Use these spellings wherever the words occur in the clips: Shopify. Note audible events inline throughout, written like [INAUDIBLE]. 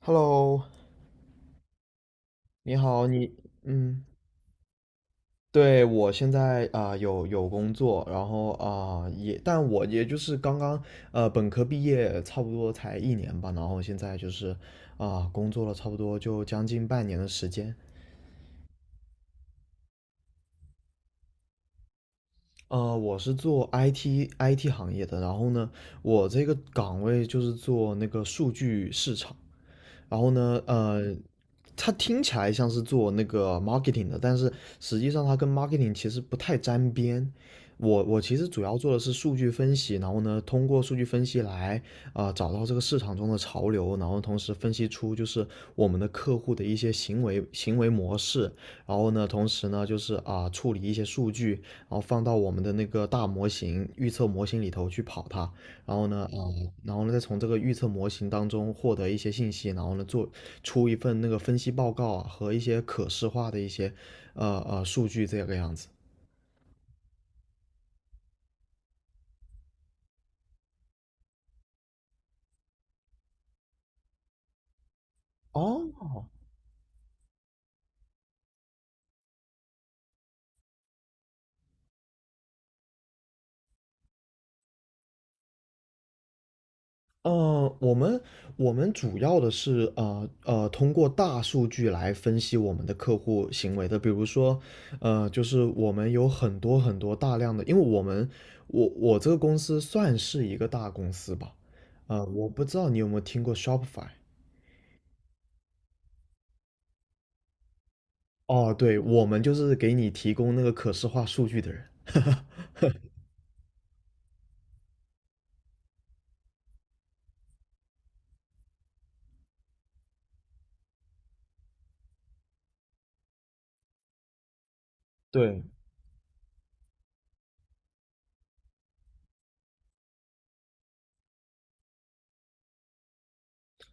Hello，你好，嗯。对，我现在有工作，然后但我也就是刚刚本科毕业，差不多才一年吧，然后现在就是工作了差不多就将近半年的时间。我是做 IT 行业的，然后呢，我这个岗位就是做那个数据市场。然后呢，它听起来像是做那个 marketing 的，但是实际上它跟 marketing 其实不太沾边。我其实主要做的是数据分析，然后呢，通过数据分析来找到这个市场中的潮流，然后同时分析出就是我们的客户的一些行为模式，然后呢，同时呢就是处理一些数据，然后放到我们的那个大模型预测模型里头去跑它，然后呢，呃，然后呢，再从这个预测模型当中获得一些信息，然后呢，做出一份那个分析报告啊，和一些可视化的一些数据这个样子。哦。呃，我们我们主要的是通过大数据来分析我们的客户行为的。比如说，就是我们有很多很多大量的，因为我们我我这个公司算是一个大公司吧。我不知道你有没有听过 Shopify。哦，对，我们就是给你提供那个可视化数据的人。[LAUGHS] 对，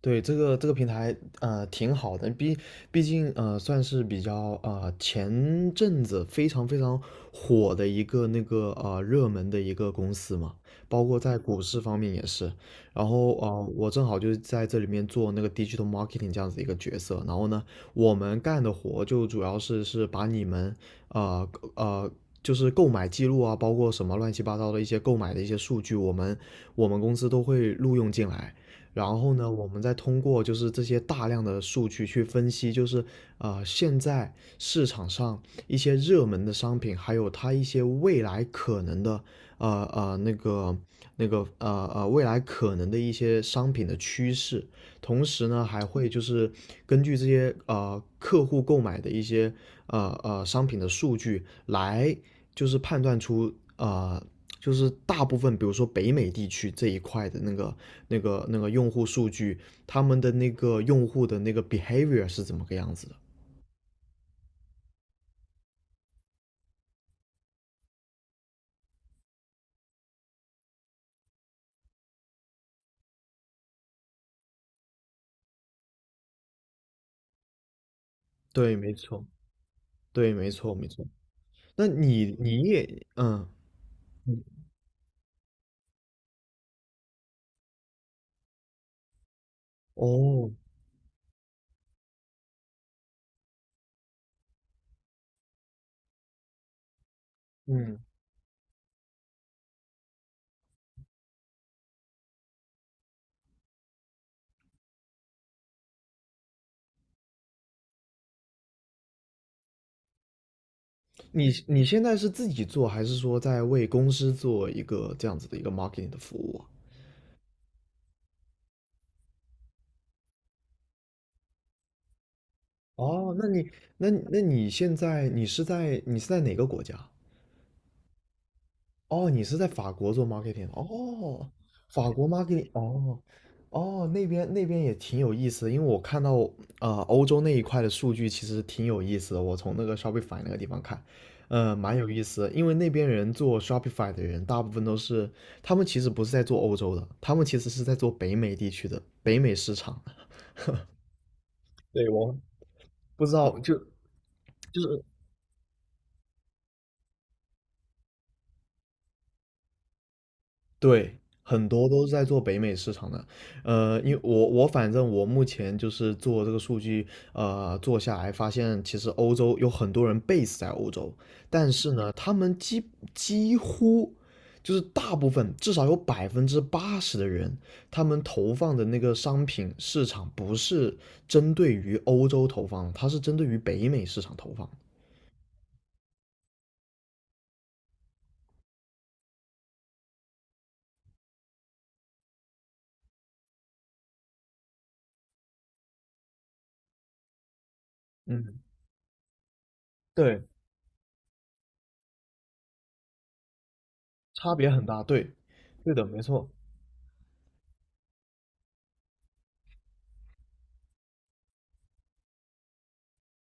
对，这个平台，挺好的，毕竟算是比较前阵子非常非常火的一个热门的一个公司嘛，包括在股市方面也是。然后我正好就是在这里面做那个 digital marketing 这样子一个角色。然后呢，我们干的活就主要是把你们呃呃就是购买记录啊，包括什么乱七八糟的一些购买的一些数据，我们公司都会录用进来。然后呢，我们再通过就是这些大量的数据去分析，就是现在市场上一些热门的商品，还有它一些未来可能的呃呃那个那个未来可能的一些商品的趋势，同时呢还会就是根据这些客户购买的一些商品的数据来就是判断出就是大部分，比如说北美地区这一块的那个用户数据，他们的那个用户的那个 behavior 是怎么个样子的？对，没错。对，没错，没错。那你也嗯。嗯。哦。嗯。你现在是自己做，还是说在为公司做一个这样子的一个 marketing 的服务啊？哦，那你现在你是在哪个国家？哦，你是在法国做 marketing 的哦。法国 marketing 哦。哦，那边也挺有意思的，因为我看到欧洲那一块的数据其实挺有意思的，我从那个 Shopify 那个地方看，蛮有意思的，因为那边人做 Shopify 的人大部分都是，他们其实不是在做欧洲的，他们其实是在做北美地区的北美市场的。对，我不知道。就是对，很多都是在做北美市场的。因为反正我目前就是做这个数据，做下来发现，其实欧洲有很多人 base 在欧洲，但是呢，他们几乎就是大部分，至少有80%的人，他们投放的那个商品市场不是针对于欧洲投放的，它是针对于北美市场投放的。嗯，对，差别很大。对。对的，没错。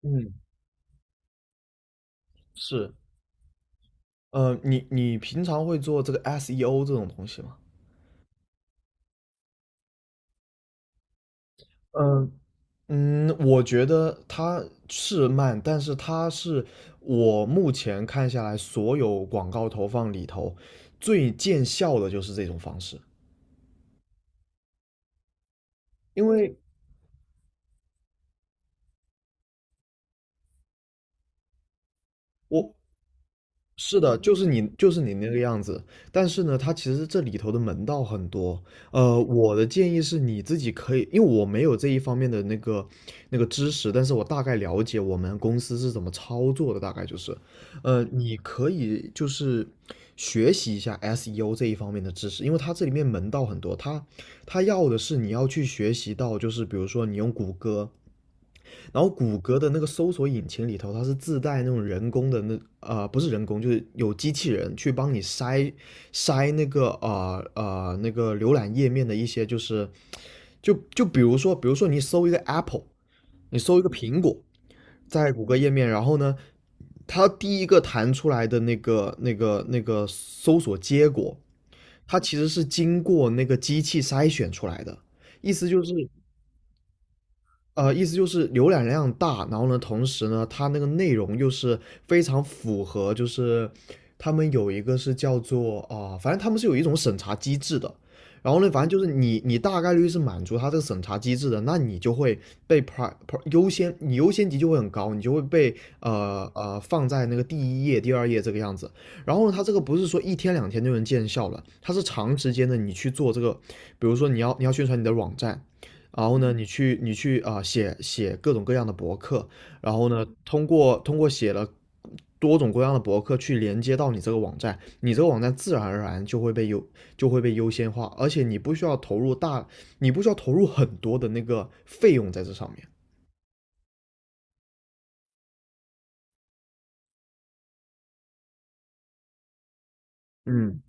嗯，是。你平常会做这个 SEO 这种东西吗？嗯嗯。我觉得它是慢，但是它是我目前看下来所有广告投放里头最见效的就是这种方式。因为我是的，就是你那个样子，但是呢，它其实这里头的门道很多。我的建议是你自己可以，因为我没有这一方面的那个知识，但是我大概了解我们公司是怎么操作的，大概就是你可以就是学习一下 SEO 这一方面的知识，因为它这里面门道很多，它要的是你要去学习到，就是比如说你用谷歌，然后谷歌的那个搜索引擎里头，它是自带那种人工的不是人工，就是有机器人去帮你筛那个浏览页面的一些就是就就比如说比如说你搜一个 Apple，你搜一个苹果，在谷歌页面，然后呢，它第一个弹出来的那个搜索结果，它其实是经过那个机器筛选出来的，意思就是意思就是浏览量大，然后呢，同时呢，它那个内容又是非常符合，就是他们有一个是叫做啊、反正他们是有一种审查机制的。然后呢，反正就是你大概率是满足它这个审查机制的，那你就会被 优先，你优先级就会很高，你就会被放在那个第一页、第二页这个样子。然后呢，它这个不是说一天两天就能见效了，它是长时间的，你去做这个，比如说你要宣传你的网站，然后呢，你去写各种各样的博客，然后呢，通过写了多种各样的博客去连接到你这个网站，你这个网站自然而然就会被优先化，而且你不需要投入很多的那个费用在这上面。嗯，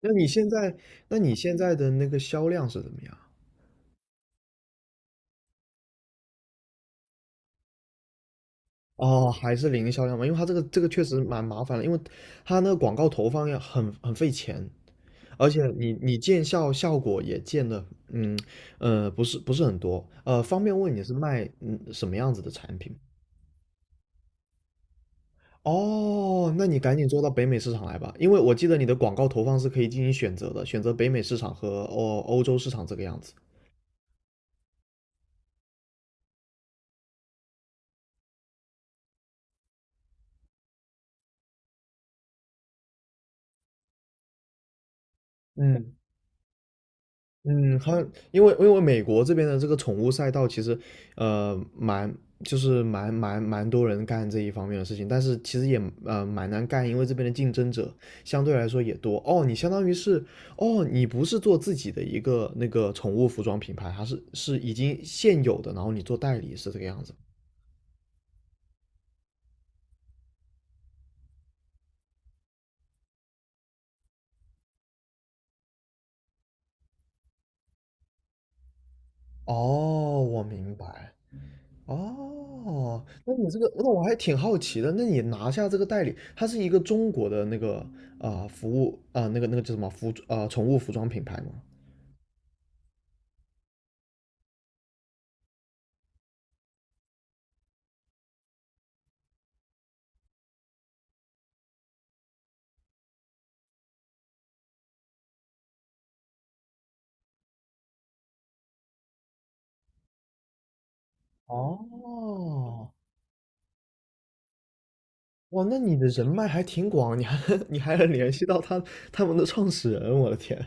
那你现在，那你现在的那个销量是怎么样？哦，还是零销量吗？因为它这个确实蛮麻烦的，因为它那个广告投放要很费钱。而且你效果也见的。嗯不是很多。方便问你是卖什么样子的产品？哦，那你赶紧做到北美市场来吧，因为我记得你的广告投放是可以进行选择的，选择北美市场和欧洲市场这个样子。嗯嗯，它因为因为美国这边的这个宠物赛道，其实呃蛮就是蛮蛮蛮多人干这一方面的事情，但是其实也蛮难干，因为这边的竞争者相对来说也多。哦，你相当于是哦，你不是做自己的一个那个宠物服装品牌，它是已经现有的，然后你做代理是这个样子。哦，我明白。哦，那你这个，那我还挺好奇的。那你拿下这个代理，它是一个中国的那个啊、呃服务啊、呃那个那个叫什么服啊、呃宠物服装品牌吗？哦。哇，那你的人脉还挺广，你还 [LAUGHS] 你还能联系到他们的创始人，我的天，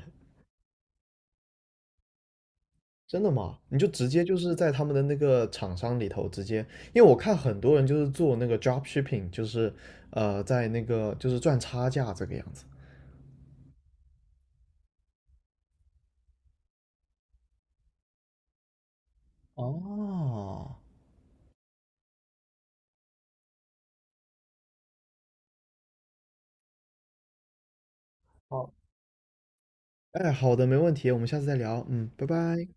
真的吗？你就直接就是在他们的那个厂商里头直接，因为我看很多人就是做那个 drop shipping，就是在那个就是赚差价这个样子。哦。哦，哎，好的，没问题，我们下次再聊。嗯，拜拜。